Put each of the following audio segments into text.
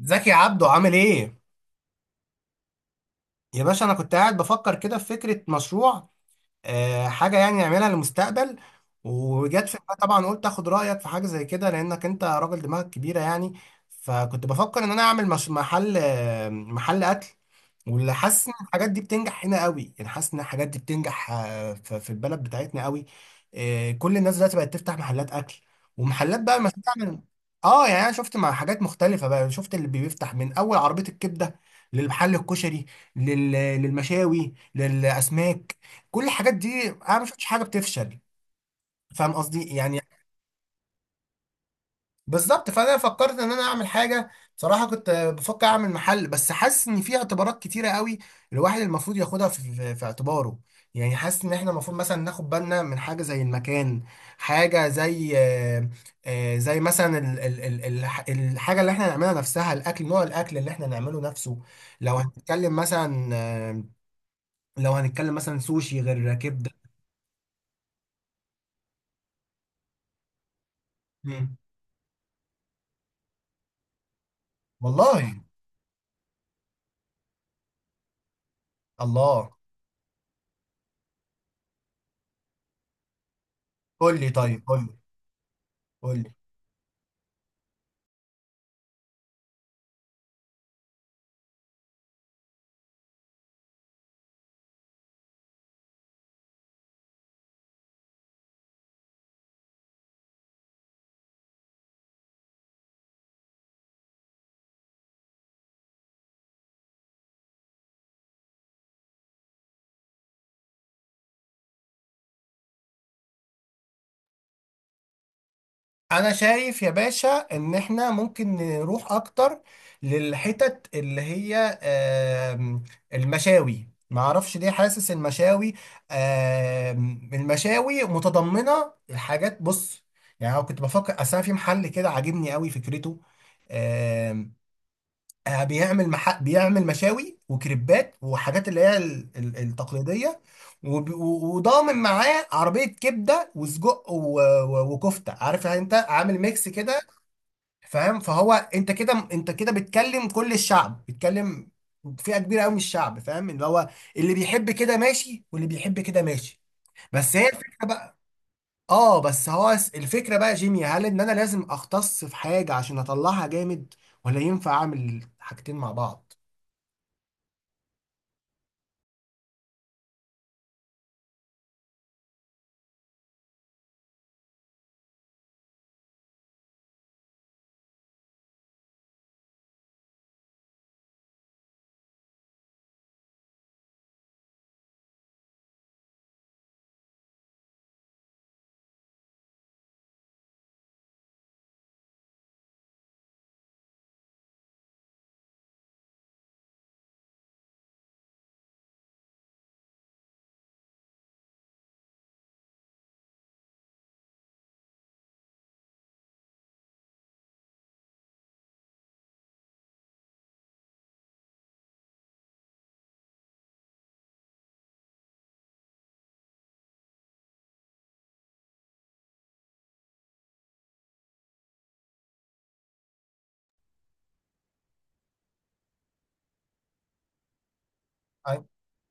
زكي عبده عامل ايه؟ يا باشا انا كنت قاعد بفكر كده في فكرة مشروع. حاجة يعني نعملها للمستقبل. وجت في دماغي طبعا، قلت اخد رأيك في حاجة زي كده لأنك انت راجل دماغك كبيرة يعني. فكنت بفكر ان انا اعمل مش محل، محل اكل، واللي حاسس ان الحاجات دي بتنجح هنا قوي، يعني حاسس ان الحاجات دي بتنجح، في البلد بتاعتنا قوي. كل الناس دلوقتي بقت تفتح محلات اكل ومحلات، بقى ما تعمل. اه يعني انا شفت مع حاجات مختلفة بقى، شفت اللي بيفتح من اول عربية الكبدة، للمحل الكشري، لل- للمشاوي، للاسماك، كل الحاجات دي انا ما شفتش حاجه بتفشل. فاهم قصدي يعني. بالظبط. فانا فكرت ان انا اعمل حاجه. بصراحه كنت بفكر اعمل محل، بس حاسس ان في اعتبارات كتيره قوي الواحد المفروض ياخدها في اعتباره. يعني حاسس ان احنا المفروض مثلا ناخد بالنا من حاجه زي المكان، حاجه زي، زي مثلا ال الحاجه اللي احنا نعملها نفسها، الاكل، نوع الاكل اللي احنا نعمله نفسه. لو هنتكلم مثلا لو هنتكلم مثلا سوشي غير كبده. مم. والله. الله. قول لي، طيب قول لي، قول لي. انا شايف يا باشا ان احنا ممكن نروح اكتر للحتت اللي هي، المشاوي. ما اعرفش ليه حاسس المشاوي، المشاوي متضمنه الحاجات، بص، يعني انا كنت بفكر اصل أنا في محل كده عاجبني قوي فكرته. آمم، بيعمل مح... بيعمل مشاوي وكريبات وحاجات اللي هي التقليديه، وضامن معاه عربيه كبده وسجق وكفته، عارف يعني، انت عامل ميكس كده. فاهم؟ فهو انت كده بتكلم كل الشعب، بتكلم فئه كبيره قوي من الشعب. فاهم اللي هو اللي بيحب كده ماشي، واللي بيحب كده ماشي. بس هي الفكره بقى. اه، بس هو الفكره بقى جيمي، هل ان انا لازم اختص في حاجه عشان اطلعها جامد، ولا ينفع اعمل حاجتين مع بعض؟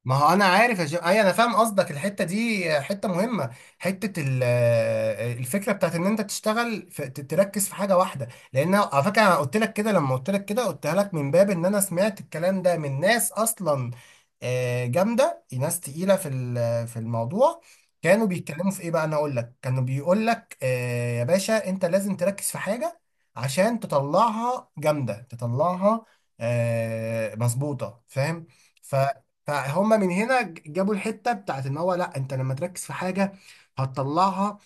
ما هو انا عارف يا جماعه، اي انا فاهم قصدك. الحته دي حته مهمه، حته ال- الفكره بتاعت ان انت تشتغل في تركز في حاجه واحده. لان على فكره، انا قلت لك كده، لما قلت لك كده قلتها لك من باب ان انا سمعت الكلام ده من ناس اصلا جامده، ناس تقيله في في الموضوع. كانوا بيتكلموا في ايه بقى، انا اقول لك، كانوا بيقول لك يا باشا انت لازم تركز في حاجه عشان تطلعها جامده، تطلعها مظبوطه. فاهم؟ فهم من هنا جابوا الحته بتاعت ان هو لا، انت لما تركز في حاجه هتطلعها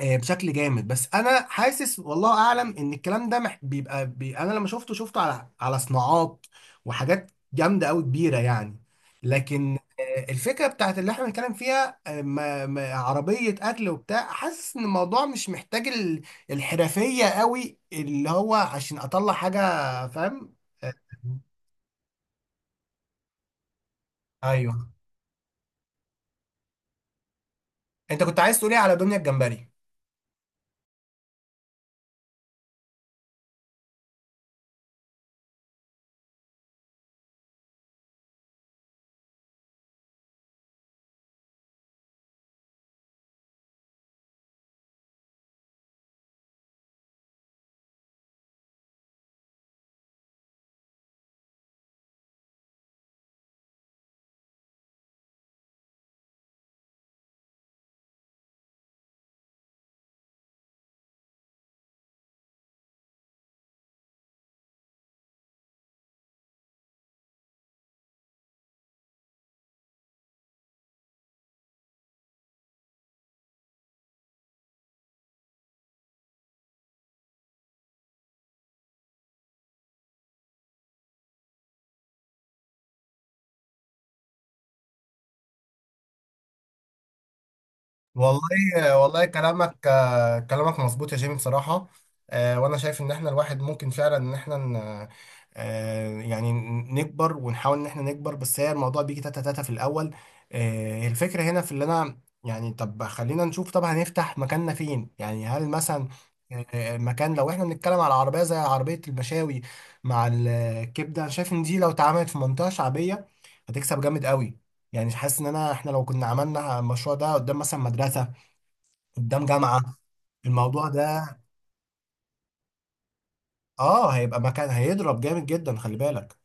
بشكل جامد. بس انا حاسس والله اعلم ان الكلام ده بيبقى بي، انا لما شفته شفته على على صناعات وحاجات جامده قوي كبيره يعني. لكن الفكره بتاعت اللي احنا بنتكلم فيها، عربيه اكل وبتاع، حاسس ان الموضوع مش محتاج الحرفيه قوي اللي هو عشان اطلع حاجه. فاهم؟ آه، ايوه، انت كنت عايز تقولي على دنيا الجمبري. والله والله كلامك كلامك مظبوط يا جيمي، بصراحة. وأنا شايف إن إحنا الواحد ممكن فعلا إن إحنا آه، يعني نكبر، ونحاول إن إحنا نكبر، بس هي الموضوع بيجي تاتا تاتا في الأول. الفكرة هنا في اللي أنا، يعني طب خلينا نشوف، طب هنفتح مكاننا فين يعني؟ هل مثلا مكان، لو إحنا بنتكلم على عربية زي عربية المشاوي مع الكبدة، أنا شايف إن دي لو اتعملت في منطقة شعبية هتكسب جامد قوي. يعني حاسس ان انا احنا لو كنا عملنا المشروع ده قدام مثلا مدرسه، قدام جامعه، الموضوع ده اه هيبقى مكان هيضرب جامد جدا، خلي بالك.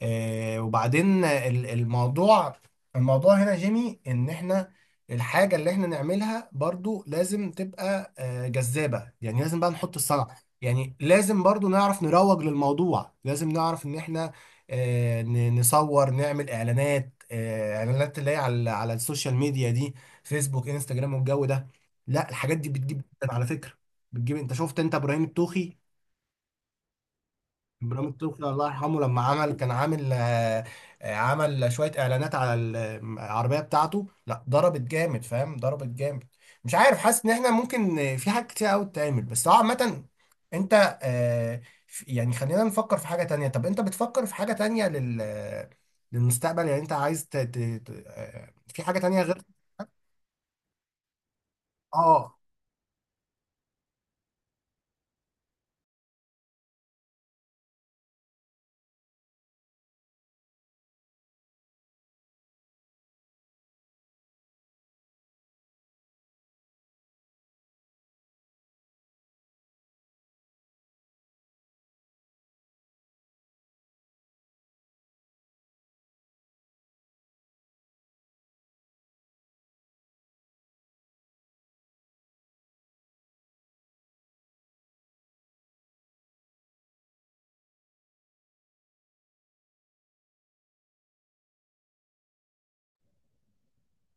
وبعدين الموضوع، الموضوع هنا جيمي، ان احنا الحاجة اللي احنا نعملها برضو لازم تبقى جذابة. يعني لازم بقى نحط الصنعة، يعني لازم برضو نعرف نروج للموضوع. لازم نعرف ان احنا نصور، نعمل اعلانات، اعلانات اللي هي على على السوشيال ميديا دي، فيسبوك، انستجرام، والجو ده. لا الحاجات دي بتجيب جدا، على فكرة بتجيب. انت شفت انت ابراهيم التوخي؟ ابراهيم الطفل الله يرحمه، لما عمل كان عامل عمل شويه اعلانات على العربيه بتاعته، لا ضربت جامد، فاهم، ضربت جامد. مش عارف، حاسس ان احنا ممكن في حاجات كتير قوي تتعمل، بس هو عامه. انت يعني خلينا نفكر في حاجه تانية. طب انت بتفكر في حاجه تانية لل للمستقبل؟ يعني انت عايز في حاجه تانية غير؟ اه،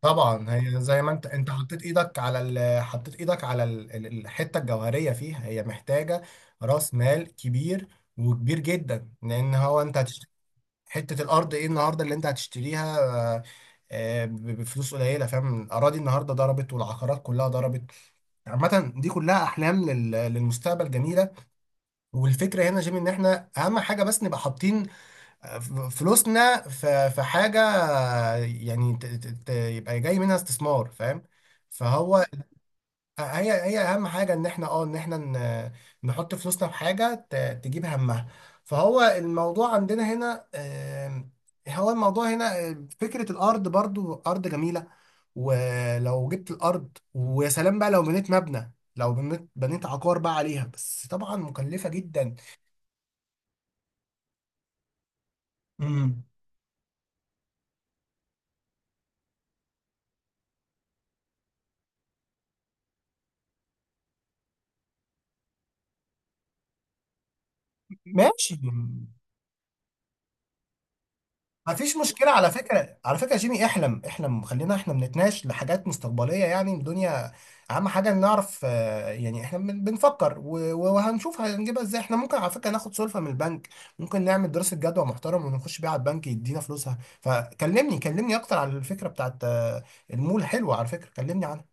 طبعا هي زي ما انت، حطيت ايدك على الحته الجوهريه فيها، هي محتاجه راس مال كبير. وكبير جدا، لان هو انت هتشتري حته الارض ايه النهارده اللي انت هتشتريها؟ آه، بفلوس قليله؟ فاهم، الاراضي النهارده ضربت، والعقارات كلها ضربت. عامه دي كلها احلام للمستقبل جميله. والفكره هنا يا جيمي، ان احنا اهم حاجه بس نبقى حاطين فلوسنا في حاجة. يعني يبقى جاي منها استثمار. فاهم؟ فهو هي أهم حاجة إن إحنا، إن إحنا نحط فلوسنا في حاجة تجيب همها. فهو الموضوع عندنا هنا، آم، هو الموضوع هنا آم، فكرة الأرض. برضو أرض جميلة، ولو جبت الأرض ويا سلام بقى، لو بنيت مبنى، لو بنيت عقار بقى عليها، بس طبعا مكلفة جدا. مم. ماشي. ما فيش مشكلة. على فكرة، على فكرة يا جيمي احلم، احلم، خلينا احنا بنتناقش لحاجات مستقبلية. يعني الدنيا اهم حاجة إن نعرف، يعني احنا بنفكر وهنشوف هنجيبها ازاي. احنا ممكن على فكرة ناخد سلفة من البنك، ممكن نعمل دراسة جدوى محترم ونخش بيها على البنك يدينا فلوسها. فكلمني، كلمني اكتر على الفكرة بتاعت المول، حلوة على فكرة، كلمني عنها.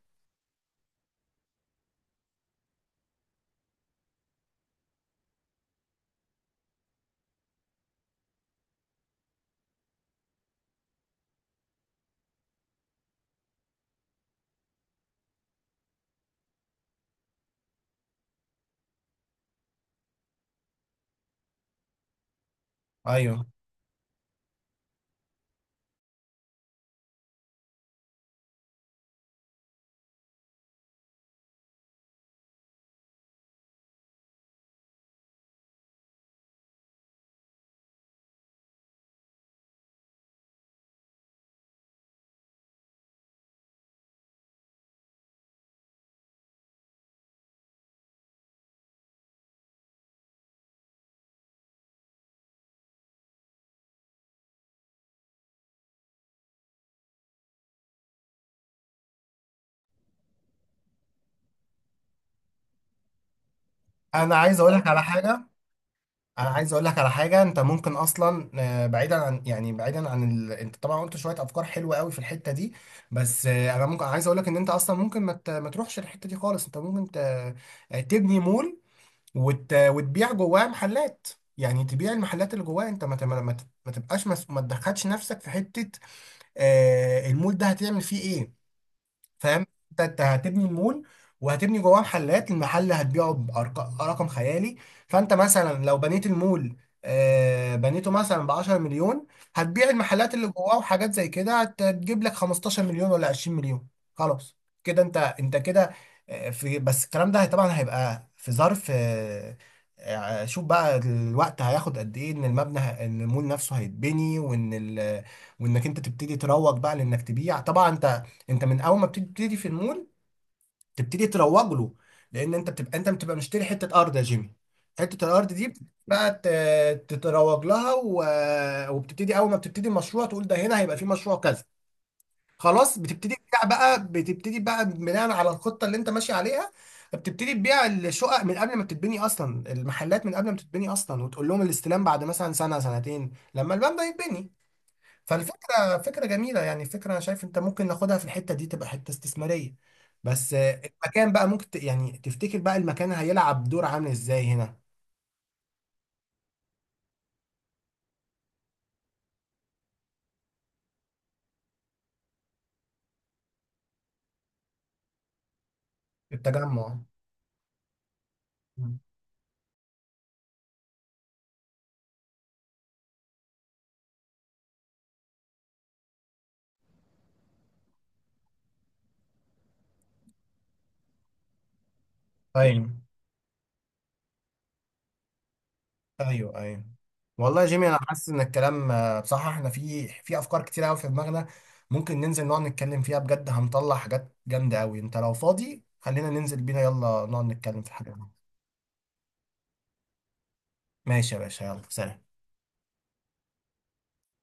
ايوه. انا عايز اقول لك على حاجة. انا عايز اقول لك على حاجه، انت ممكن اصلا بعيدا عن، يعني بعيدا عن انت طبعا قلت شويه افكار حلوه قوي في الحته دي، بس انا ممكن عايز اقول لك ان انت اصلا ممكن ما تروحش الحته دي خالص. انت ممكن ت... آه، تبني مول، وتبيع جواه محلات. يعني تبيع المحلات اللي جواه، انت ما تبقاش ما تدخلش نفسك في حته المول ده هتعمل فيه ايه. فاهم؟ انت هتبني المول، وهتبني جواه محلات، المحل هتبيعه برقم خيالي. فانت مثلا لو بنيت المول، بنيته مثلا ب 10 مليون، هتبيع المحلات اللي جواه وحاجات زي كده هتجيب لك 15 مليون ولا 20 مليون. خلاص، كده انت، انت كده. في بس الكلام ده طبعا هيبقى في ظرف، شوف بقى الوقت هياخد قد ايه، ان المبنى ان المول نفسه هيتبني، وان وانك انت تبتدي تروج بقى، لانك تبيع. طبعا انت من اول ما بتبتدي في المول تبتدي تروج له، لان انت بتبقى مشتري حته ارض يا جيمي. حته الارض دي بقى تتروج لها، وبتبتدي اول ما بتبتدي المشروع تقول ده هنا هيبقى في مشروع كذا. خلاص بتبتدي تبيع بقى، بتبتدي بقى بناء على الخطه اللي انت ماشي عليها، بتبتدي تبيع الشقق من قبل ما تتبني اصلا، المحلات من قبل ما تتبني اصلا، وتقول لهم الاستلام بعد مثلا سنه سنتين لما الباب ده يتبني. فالفكرة فكرة جميلة، يعني فكرة أنا شايف أنت ممكن ناخدها، في الحتة دي تبقى حتة استثمارية، بس المكان بقى ممكن يعني تفتكر بقى المكان هيلعب دور عامل إزاي هنا؟ في التجمع. مم. أيوه، أيوه، أيوه. والله يا جيمي أنا حاسس إن الكلام بصراحة إحنا في أفكار كتير أوي في دماغنا، ممكن ننزل نقعد نتكلم فيها بجد، هنطلع حاجات جامدة أوي. أنت لو فاضي خلينا ننزل بينا، يلا نقعد نتكلم في الحاجات دي. ماشي يا باشا، يلا سلام.